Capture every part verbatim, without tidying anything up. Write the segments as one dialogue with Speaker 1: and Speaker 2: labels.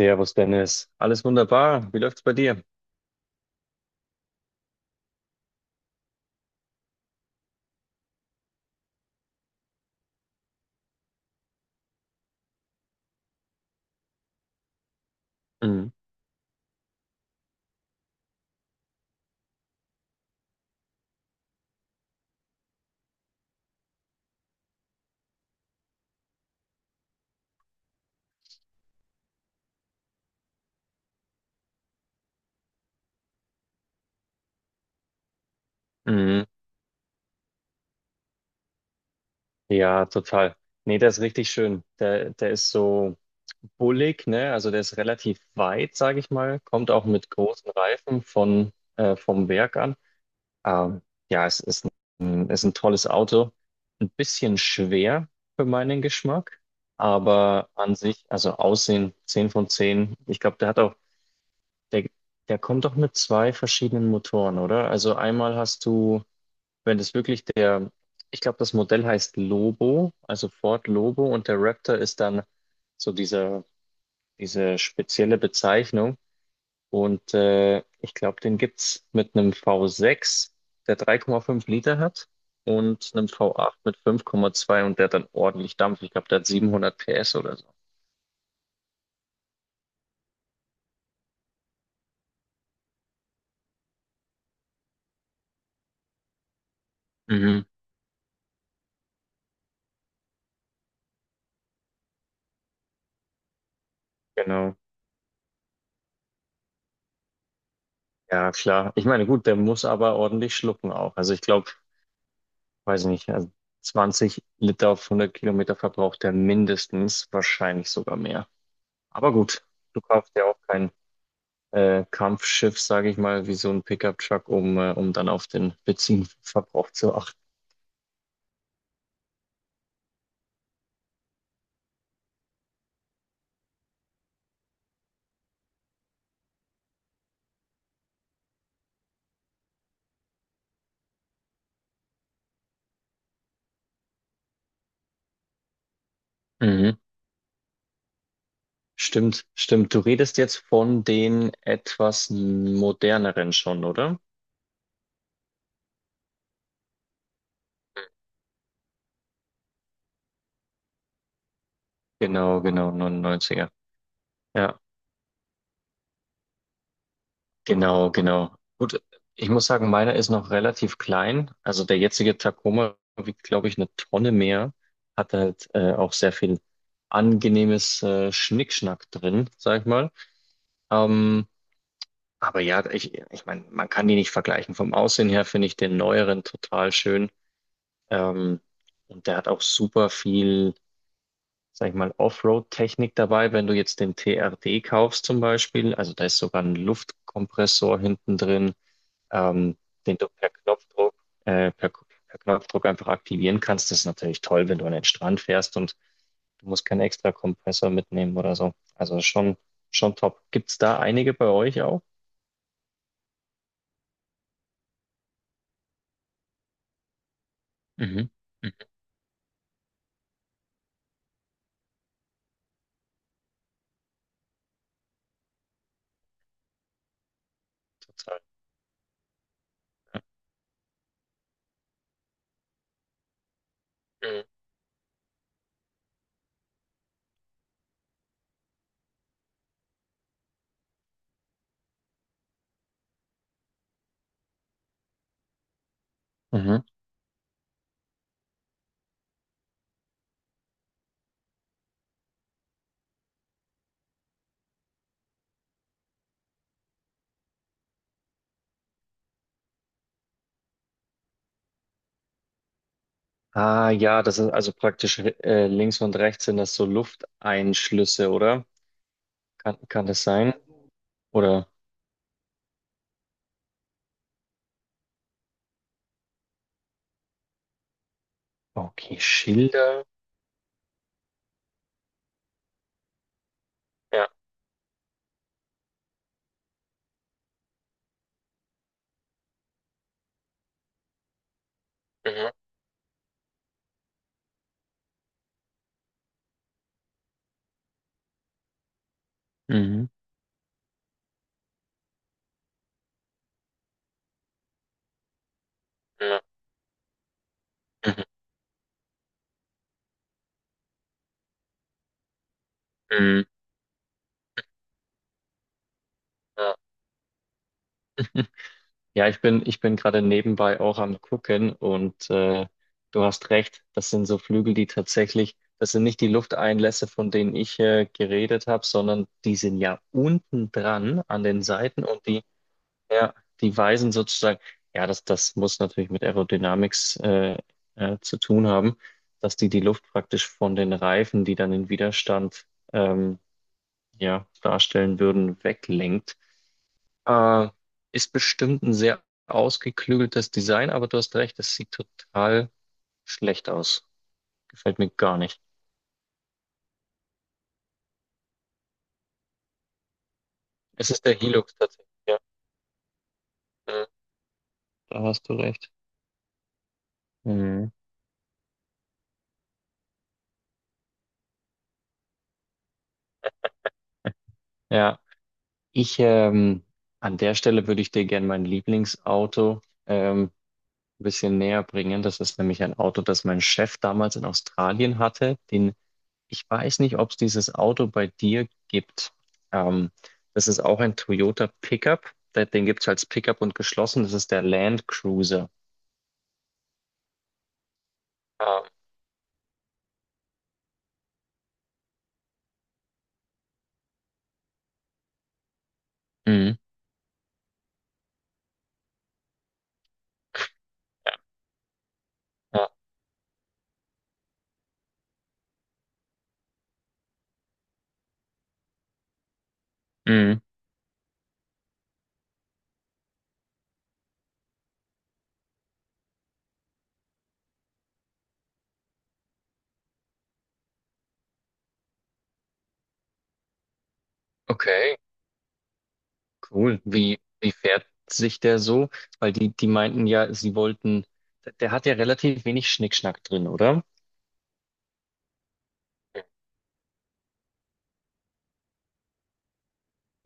Speaker 1: Servus Dennis, alles wunderbar. Wie läuft's bei dir? Mhm. Mhm. Ja, total. Nee, der ist richtig schön. Der, der ist so bullig, ne? Also der ist relativ weit, sage ich mal. Kommt auch mit großen Reifen von, äh, vom Werk an. Ähm, ja, es ist ein, ist ein tolles Auto. Ein bisschen schwer für meinen Geschmack, aber an sich, also Aussehen zehn von zehn. Ich glaube, der hat auch, der, der kommt doch mit zwei verschiedenen Motoren, oder? Also einmal hast du. Wenn das wirklich der, ich glaube, das Modell heißt Lobo, also Ford Lobo, und der Raptor ist dann so diese, diese spezielle Bezeichnung. Und äh, ich glaube, den gibt's mit einem V sechs, der drei Komma fünf Liter hat, und einem V acht mit fünf Komma zwei, und der dann ordentlich dampft. Ich glaube, der hat siebenhundert P S oder so. Mhm. Genau. Ja, klar. Ich meine, gut, der muss aber ordentlich schlucken auch. Also ich glaube, weiß ich nicht, also zwanzig Liter auf hundert Kilometer verbraucht er mindestens, wahrscheinlich sogar mehr. Aber gut, du kaufst ja auch kein äh, Kampfschiff, sage ich mal, wie so ein Pickup-Truck, um, äh, um dann auf den Benzinverbrauch zu achten. Mhm. Stimmt, stimmt. Du redest jetzt von den etwas moderneren schon, oder? Genau, genau, neunundneunzig. Ja. Genau, genau. Gut, ich muss sagen, meiner ist noch relativ klein. Also der jetzige Tacoma wiegt, glaube ich, eine Tonne mehr. Hat halt äh, auch sehr viel angenehmes äh, Schnickschnack drin, sag ich mal. Ähm, aber ja, ich, ich meine, man kann die nicht vergleichen. Vom Aussehen her finde ich den neueren total schön. Ähm, und der hat auch super viel, sag ich mal, Offroad-Technik dabei. Wenn du jetzt den T R D kaufst zum Beispiel, also da ist sogar ein Luftkompressor hinten drin, ähm, den du per Knopfdruck, äh, per, per Knopfdruck einfach aktivieren kannst. Das ist natürlich toll, wenn du an den Strand fährst und du musst keinen extra Kompressor mitnehmen oder so. Also schon, schon top. Gibt's da einige bei euch auch? Mhm. Mhm. Total. Ja. Mhm. Mhm. Ah ja, das ist also praktisch, äh, links und rechts sind das so Lufteinschlüsse, oder? Kann, kann das sein? Oder okay, Schilder. Ja. Mhm. Mhm. Ja. Mhm. Mhm. Ja. Ja, ich bin, ich bin gerade nebenbei auch am Gucken und äh, du hast recht, das sind so Flügel, die tatsächlich, das sind nicht die Lufteinlässe, von denen ich äh, geredet habe, sondern die sind ja unten dran an den Seiten, und die, ja, die weisen sozusagen, ja, das, das muss natürlich mit Aerodynamics äh, äh, zu tun haben, dass die die Luft praktisch von den Reifen, die dann den Widerstand, ähm, ja, darstellen würden, weglenkt. Äh, Ist bestimmt ein sehr ausgeklügeltes Design, aber du hast recht, es sieht total schlecht aus. Gefällt mir gar nicht. Es ist der Hilux tatsächlich. Ja, äh, da hast du recht. Mhm. Ja, ich ähm, an der Stelle würde ich dir gerne mein Lieblingsauto ähm, ein bisschen näher bringen. Das ist nämlich ein Auto, das mein Chef damals in Australien hatte, den Ich weiß nicht, ob es dieses Auto bei dir gibt. Ähm, Das ist auch ein Toyota Pickup. Der- Den gibt es als Pickup und geschlossen. Das ist der Land Cruiser. Ah, mhm. Ja, mhm. Okay, cool. Wie, wie fährt sich der so? Weil die, die meinten ja, sie wollten, der hat ja relativ wenig Schnickschnack drin, oder?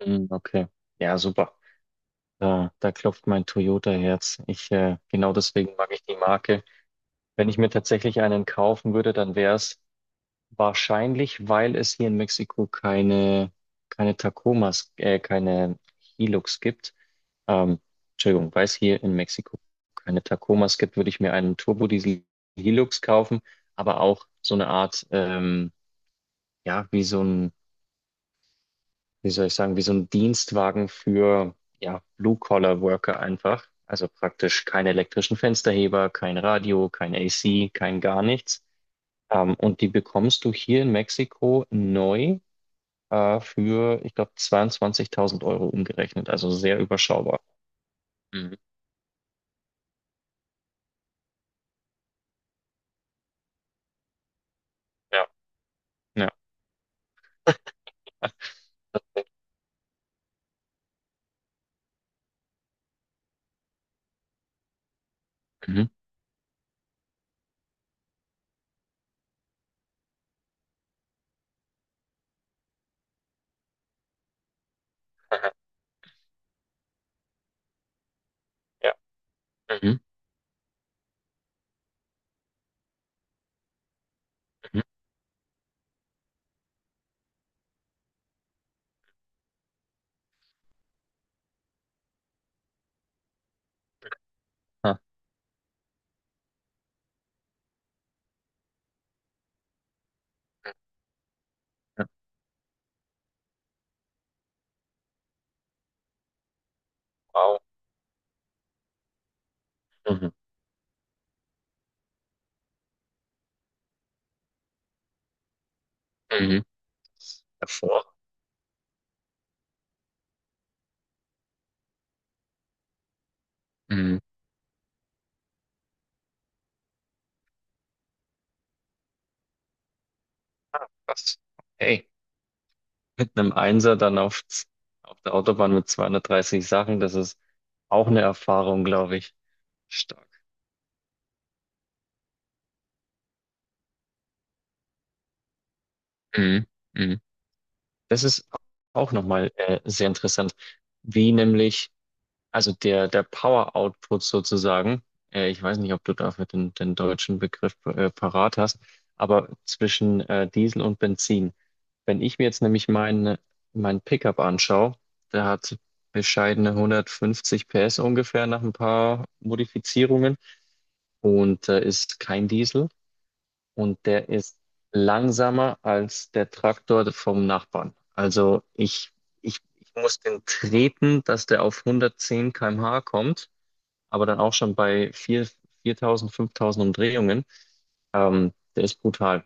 Speaker 1: Mhm, okay. Ja, super. Da, da klopft mein Toyota-Herz. Ich, äh, genau deswegen mag ich die Marke. Wenn ich mir tatsächlich einen kaufen würde, dann wär's wahrscheinlich, weil es hier in Mexiko keine, keine, Tacomas, äh, keine Hilux gibt. Ähm, Entschuldigung, weil es hier in Mexiko keine Tacomas gibt, würde ich mir einen Turbodiesel Hilux kaufen, aber auch so eine Art, ähm, ja, wie so ein, wie soll ich sagen, wie so ein Dienstwagen für, ja, Blue-Collar-Worker einfach. Also praktisch keine elektrischen Fensterheber, kein Radio, kein A C, kein gar nichts. Ähm, und die bekommst du hier in Mexiko neu äh, für, ich glaube, zweiundzwanzigtausend Euro umgerechnet, also sehr überschaubar. Mhm. Ja, ja. Mhm. Aha. Ja. Mhm. Mhm. Ah, ja. Wow. Mhm. Mhm. Davor. Mhm. Was? Hey, mit einem Einser dann auf, auf der Autobahn mit zweihundertdreißig Sachen, das ist auch eine Erfahrung, glaube ich. Stark. Mhm. Mhm. Das ist auch nochmal äh, sehr interessant, wie nämlich, also der, der Power Output sozusagen, äh, ich weiß nicht, ob du dafür den, den deutschen Begriff äh, parat hast, aber zwischen äh, Diesel und Benzin. Wenn ich mir jetzt nämlich mein, mein Pickup anschaue, der hat bescheidene hundertfünfzig P S ungefähr nach ein paar Modifizierungen, und äh, ist kein Diesel, und der ist langsamer als der Traktor vom Nachbarn. Also ich, ich, ich muss den treten, dass der auf hundertzehn Kilometer pro Stunde kommt, aber dann auch schon bei vier viertausend fünftausend Umdrehungen. Ähm, der ist brutal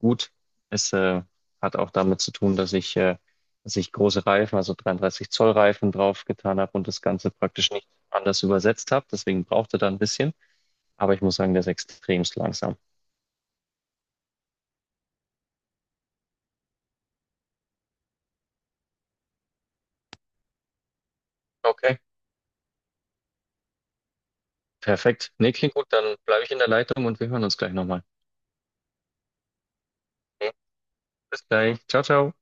Speaker 1: gut. Es äh, hat auch damit zu tun, dass ich, äh, dass ich große Reifen, also dreiunddreißig Zoll Reifen drauf getan habe, und das Ganze praktisch nicht anders übersetzt habe. Deswegen braucht er da ein bisschen. Aber ich muss sagen, der ist extremst langsam. Okay, perfekt. Nee, klingt gut. Dann bleibe ich in der Leitung und wir hören uns gleich nochmal. Bis gleich. Ciao, ciao.